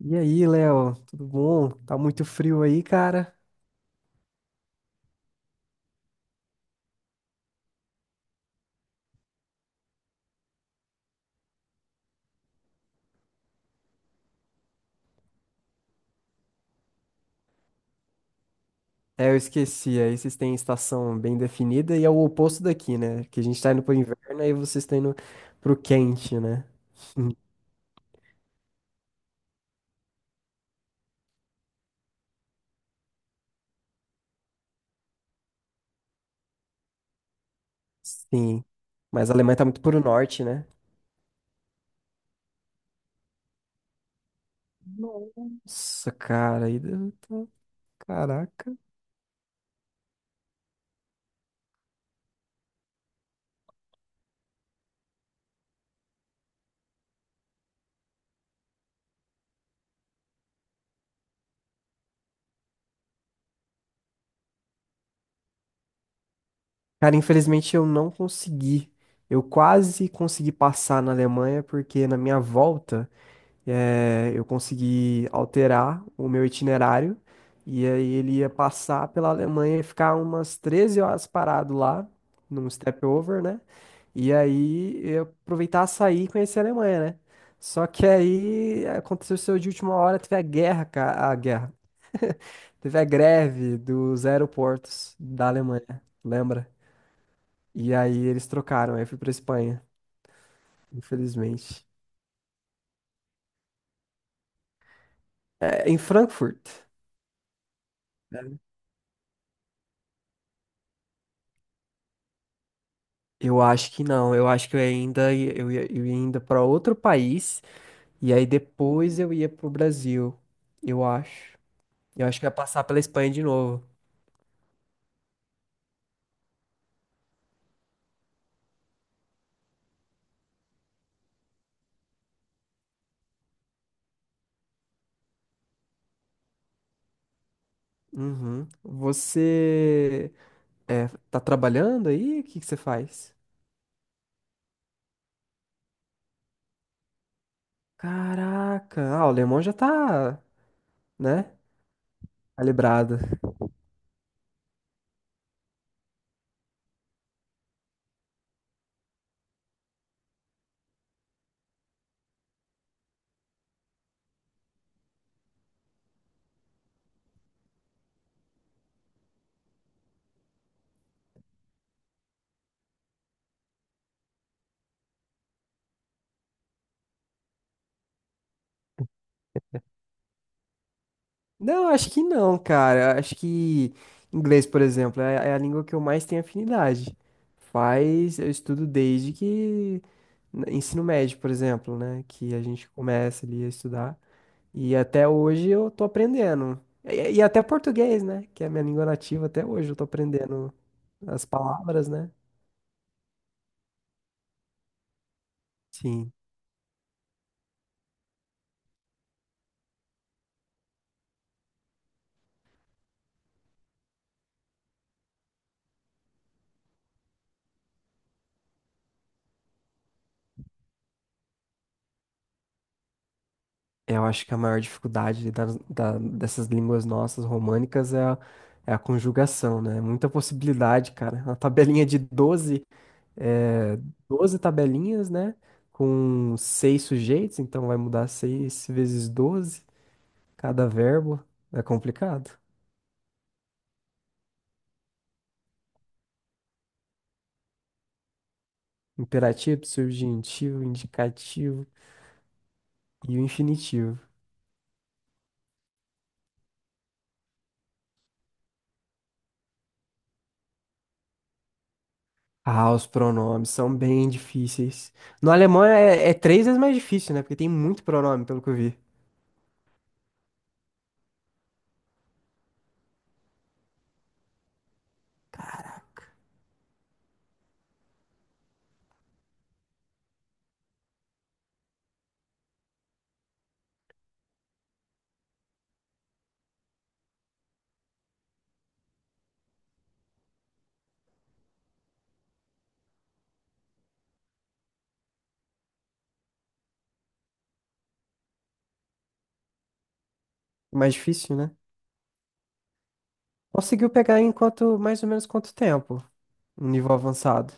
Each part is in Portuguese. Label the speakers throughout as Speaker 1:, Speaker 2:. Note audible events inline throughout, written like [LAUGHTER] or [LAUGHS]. Speaker 1: E aí, Léo, tudo bom? Tá muito frio aí, cara? É, eu esqueci. Aí vocês têm estação bem definida e é o oposto daqui, né? Que a gente tá indo pro inverno e vocês estão indo pro quente, né? [LAUGHS] Sim. Mas a Alemanha tá muito pro norte, né? Nossa, cara, aí deve Caraca. Cara, infelizmente eu não consegui. Eu quase consegui passar na Alemanha porque na minha volta. É, eu consegui alterar o meu itinerário e aí ele ia passar pela Alemanha e ficar umas 13 horas parado lá, num step over, né? E aí eu aproveitar sair e conhecer a Alemanha, né? Só que aí aconteceu isso de última hora, teve a guerra, cara, a guerra. [LAUGHS] Teve a greve dos aeroportos da Alemanha, lembra? E aí eles trocaram, aí eu fui pra Espanha, infelizmente. É, em Frankfurt. Eu acho que não. Eu acho que eu ainda ia- eu ia, eu ia ainda para outro país e aí depois eu ia pro Brasil. Eu acho. Eu acho que eu ia passar pela Espanha de novo. Uhum. Você tá trabalhando aí? O que que você faz? Caraca, ah, o alemão já tá, né? Calibrado. Não, acho que não, cara. Acho que inglês, por exemplo, é a língua que eu mais tenho afinidade. Faz, eu estudo desde que ensino médio, por exemplo, né? Que a gente começa ali a estudar. E até hoje eu tô aprendendo. E até português, né? Que é a minha língua nativa, até hoje eu tô aprendendo as palavras, né? Sim. Eu acho que a maior dificuldade dessas línguas nossas românicas é a, é a conjugação, né? Muita possibilidade, cara. Uma tabelinha de 12, é, 12 tabelinhas, né? Com seis sujeitos, então vai mudar seis vezes 12 cada verbo. É complicado. Imperativo, subjuntivo, indicativo e o infinitivo. Ah, os pronomes são bem difíceis. No alemão é, é três vezes mais difícil, né? Porque tem muito pronome, pelo que eu vi. Mais difícil, né? Conseguiu pegar em quanto, mais ou menos quanto tempo? Um nível avançado.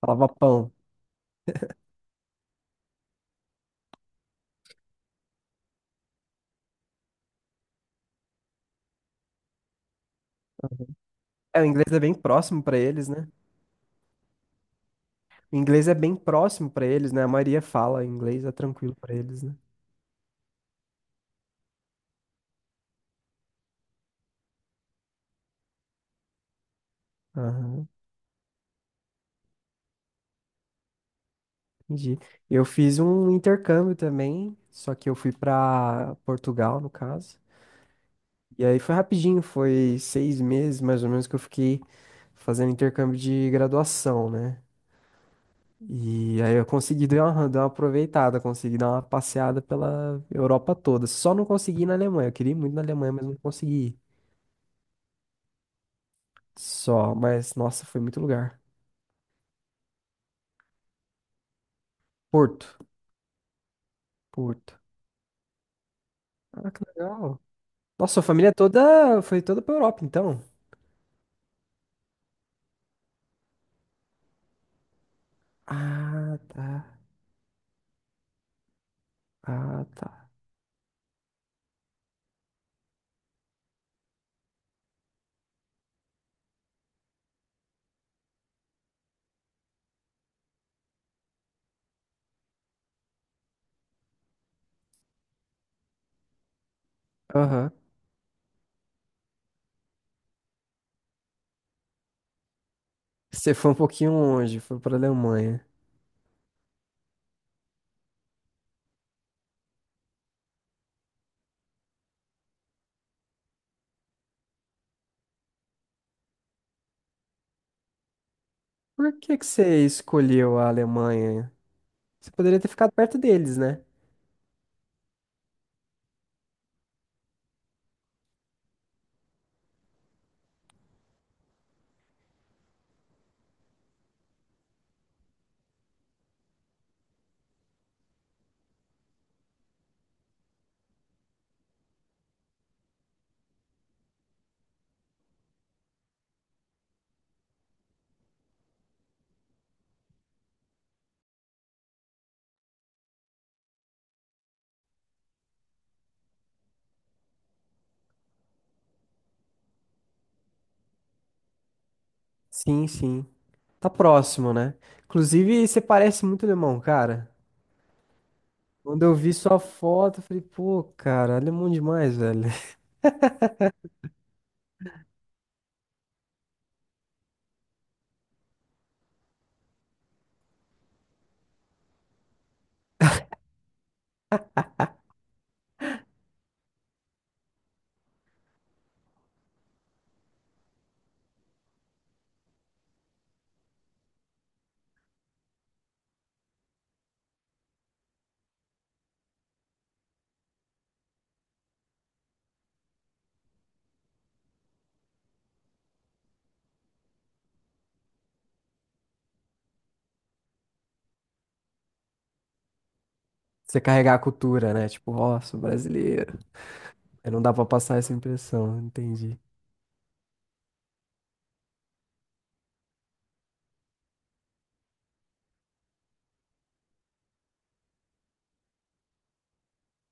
Speaker 1: Falava pão. É, o inglês é bem próximo pra eles, né? O inglês é bem próximo pra eles, né? A maioria fala inglês, é tranquilo pra eles, né? Aham, entendi. Eu fiz um intercâmbio também, só que eu fui pra Portugal, no caso. E aí foi rapidinho, foi 6 meses mais ou menos que eu fiquei fazendo intercâmbio de graduação, né? E aí eu consegui dar uma aproveitada, consegui dar uma passeada pela Europa toda. Só não consegui ir na Alemanha. Eu queria ir muito na Alemanha, mas não consegui ir. Só, mas nossa, foi muito lugar. Porto, Porto. Ah, que legal. Nossa, a família toda foi toda pra Europa, então. Ah, tá. Ah, tá. Aham. Você foi um pouquinho longe, foi pra Alemanha. Por que que você escolheu a Alemanha? Você poderia ter ficado perto deles, né? Sim, sim. Tá próximo, né? Inclusive, você parece muito alemão, cara. Quando eu vi sua foto, eu falei, pô, cara, alemão demais, velho. [LAUGHS] Você carregar a cultura, né? Tipo, ó, sou brasileiro. Aí não dá pra passar essa impressão, entendi.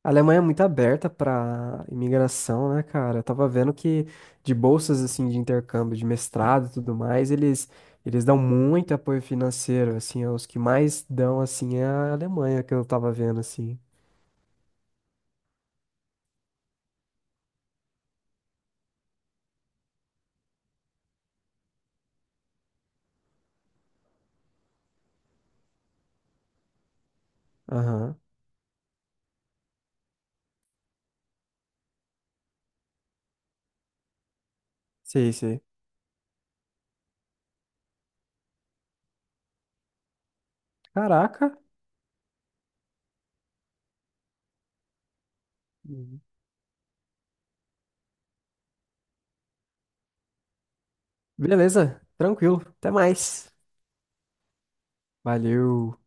Speaker 1: A Alemanha é muito aberta pra imigração, né, cara? Eu tava vendo que de bolsas, assim, de intercâmbio, de mestrado e tudo mais, eles dão muito apoio financeiro, assim, os que mais dão, assim, é a Alemanha, que eu tava vendo, assim. Aham, sei, sei. Caraca! Beleza, tranquilo. Até mais. Valeu.